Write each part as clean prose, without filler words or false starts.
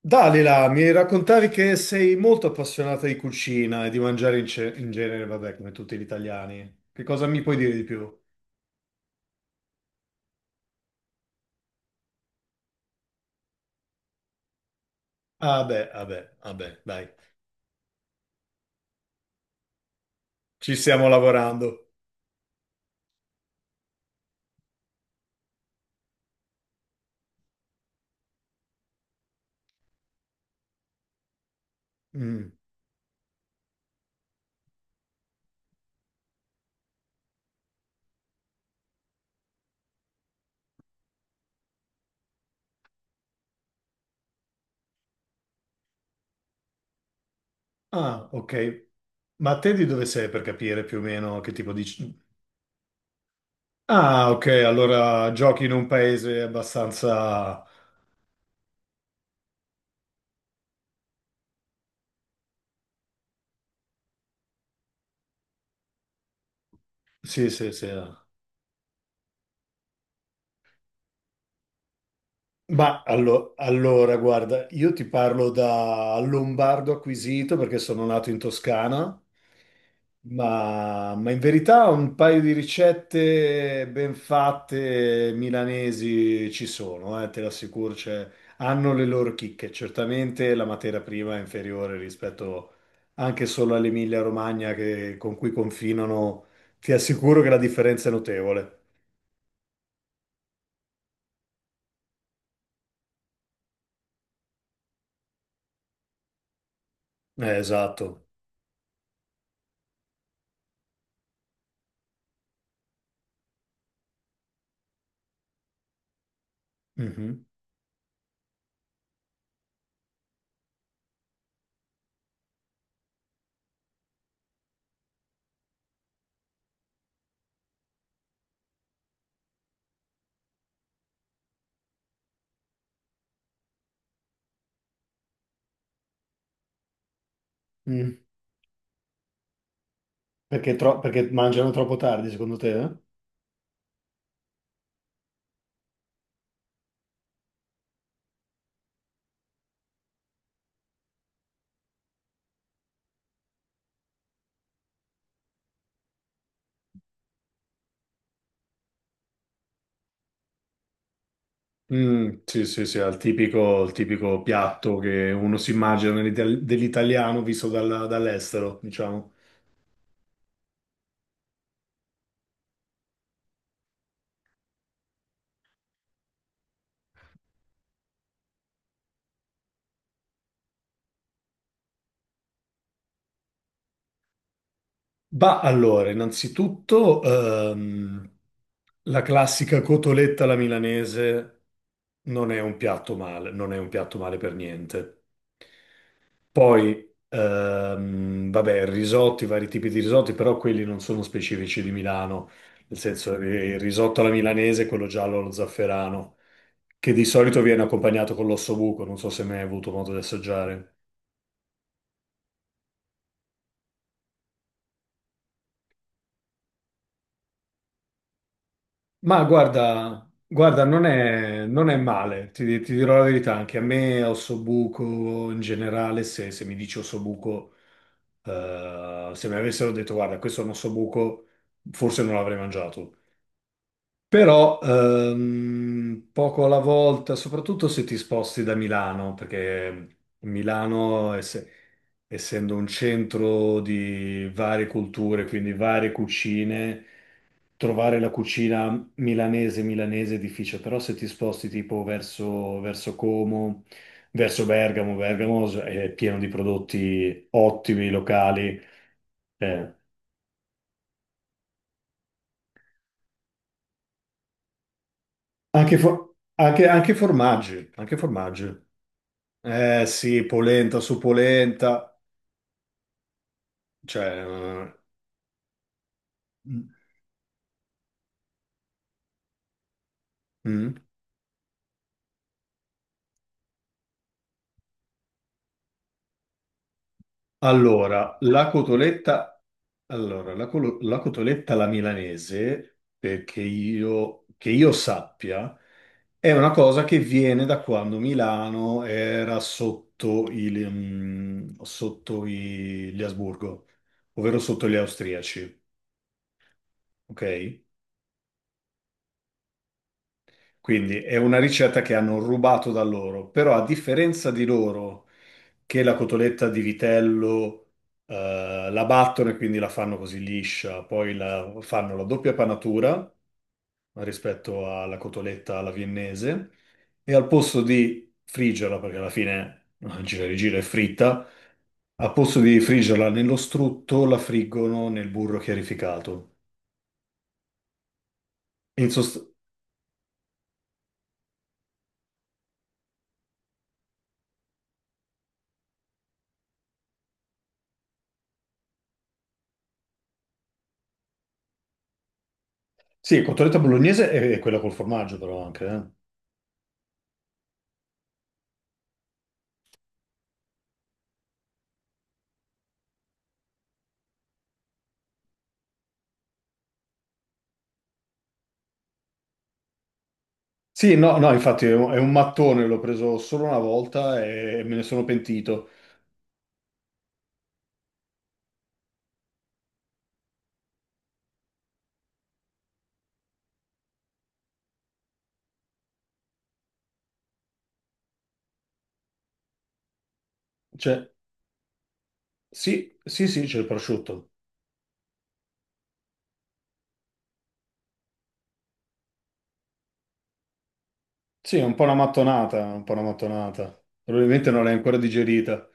Dalila, mi raccontavi che sei molto appassionata di cucina e di mangiare in genere, vabbè, come tutti gli italiani. Che cosa mi puoi dire di più? Ah, beh, vabbè, vabbè, dai, ci stiamo lavorando. Mm. Ah, ok. Ma te di dove sei per capire più o meno che tipo di... Ah, ok, allora giochi in un paese abbastanza... Sì, sì, sì. Ah. Allora, guarda, io ti parlo da lombardo acquisito perché sono nato in Toscana, ma in verità un paio di ricette ben fatte milanesi ci sono, te lo assicuro, cioè, hanno le loro chicche. Certamente la materia prima è inferiore rispetto anche solo all'Emilia-Romagna con cui confinano, ti assicuro che la differenza è notevole. Esatto. Mhm. Perché, perché mangiano troppo tardi, secondo te, eh? Mm, sì, sì, sì, al tipico, il tipico piatto che uno si immagina dell'italiano visto dall'estero, diciamo. Bah, allora, innanzitutto la classica cotoletta alla milanese non è un piatto male, non è un piatto male per niente. Poi, vabbè, risotti, vari tipi di risotti, però quelli non sono specifici di Milano, nel senso il risotto alla milanese, quello giallo allo zafferano, che di solito viene accompagnato con l'ossobuco, non so se mai hai avuto modo di assaggiare. Ma guarda, guarda, non è male, ti dirò la verità, anche a me ossobuco in generale, se mi dici ossobuco, se mi avessero detto guarda, questo è un ossobuco, forse non l'avrei mangiato. Però poco alla volta, soprattutto se ti sposti da Milano, perché essendo un centro di varie culture, quindi varie cucine, trovare la cucina milanese milanese è difficile, però se ti sposti tipo verso Como, verso Bergamo, Bergamo è pieno di prodotti ottimi, locali, eh, anche, anche formaggi, anche formaggi. Eh sì, polenta su polenta, cioè... mm. Mm. Allora, la cotoletta, allora, la cotoletta alla milanese, perché io, che io sappia, è una cosa che viene da quando Milano era sotto il, mm, sotto i- gli Asburgo, ovvero sotto gli austriaci, ok? Quindi è una ricetta che hanno rubato da loro, però a differenza di loro che la cotoletta di vitello la battono e quindi la fanno così liscia, fanno la doppia panatura rispetto alla cotoletta alla viennese e al posto di friggerla, perché alla fine gira e rigira è fritta, al posto di friggerla nello strutto la friggono nel burro chiarificato. In sost- sì, cotoletta bolognese è quella col formaggio però anche, eh. Sì, no, no, infatti è un mattone, l'ho preso solo una volta e me ne sono pentito. Cioè, sì, sì, sì, c'è il prosciutto. Sì, è un po' una mattonata, un po' una mattonata. Probabilmente non l'hai ancora digerita.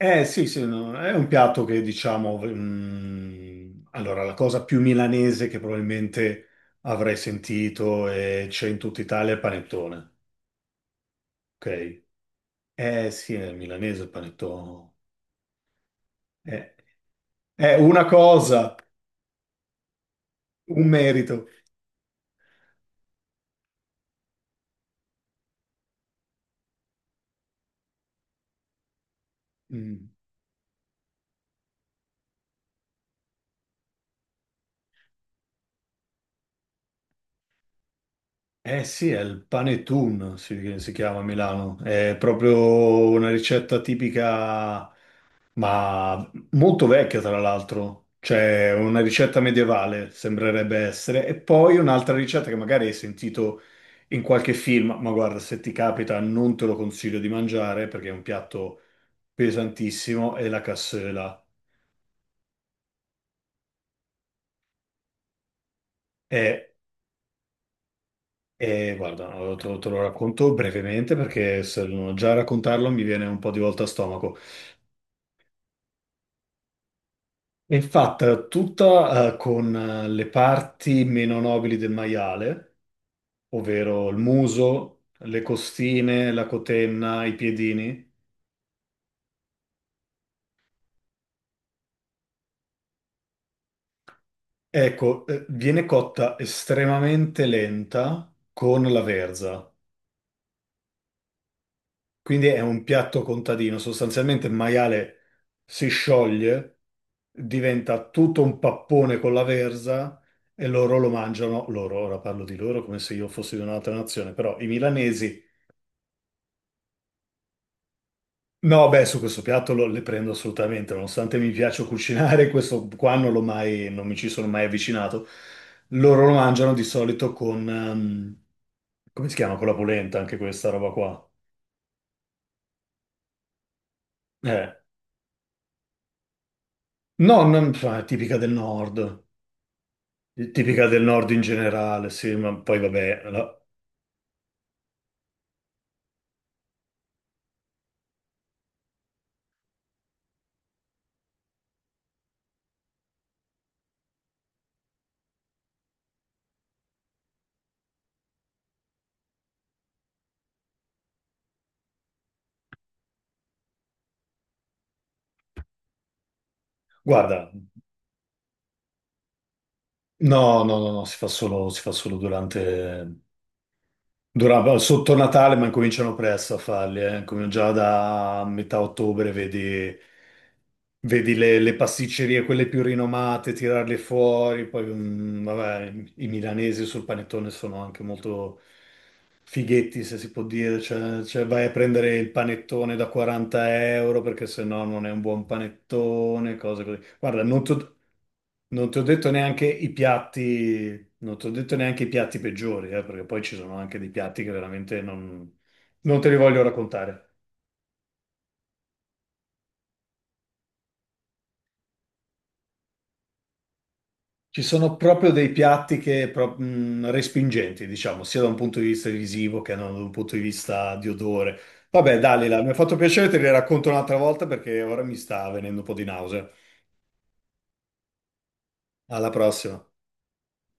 Eh sì, sì, no, è un piatto che diciamo... mm, allora, la cosa più milanese che probabilmente avrei sentito e c'è in tutta Italia è il panettone, ok? Eh sì, è milanese il panettone. Eh, È una cosa, un merito. Mm. Eh sì, è il panettone, si chiama a Milano. È proprio una ricetta tipica, ma molto vecchia tra l'altro. Cioè, una ricetta medievale sembrerebbe essere. E poi un'altra ricetta che magari hai sentito in qualche film, ma guarda, se ti capita non te lo consiglio di mangiare perché è un piatto pesantissimo, è la cassola. E, guarda, te lo racconto brevemente perché se non già a raccontarlo mi viene un po' di volta a stomaco. È fatta tutta, con le parti meno nobili del maiale, ovvero il muso, le costine, la cotenna, i piedini. Ecco, viene cotta estremamente lenta con la verza. Quindi è un piatto contadino. Sostanzialmente il maiale si scioglie, diventa tutto un pappone con la verza e loro lo mangiano. Loro, ora parlo di loro come se io fossi di un'altra nazione, però i milanesi no, beh, su questo piatto le prendo assolutamente, nonostante mi piaccia cucinare, questo qua non l'ho mai, non mi ci sono mai avvicinato. Loro lo mangiano di solito con, come si chiama? Con la polenta, anche questa roba qua. Eh. No, non, fa- è tipica del nord, è tipica del nord in generale, sì, ma poi vabbè, la- guarda, no, no, no, no, si fa solo durante, durava sotto Natale, ma incominciano presto a farli, eh. Come già da metà ottobre vedi, vedi le pasticcerie, quelle più rinomate, tirarle fuori. Poi, mm, vabbè, i milanesi sul panettone sono anche molto fighetti, se si può dire. Cioè, cioè, vai a prendere il panettone da 40 euro perché sennò non è un buon panettone, cose così. Guarda, non ti non ti ho detto neanche i piatti, non ti ho detto neanche i piatti peggiori, perché poi ci sono anche dei piatti che veramente non, non te li voglio raccontare. Ci sono proprio dei piatti che respingenti, diciamo, sia da un punto di vista visivo che da un punto di vista di odore. Vabbè, Dalila, mi ha fatto piacere, te li racconto un'altra volta perché ora mi sta venendo un po' di nausea. Alla prossima.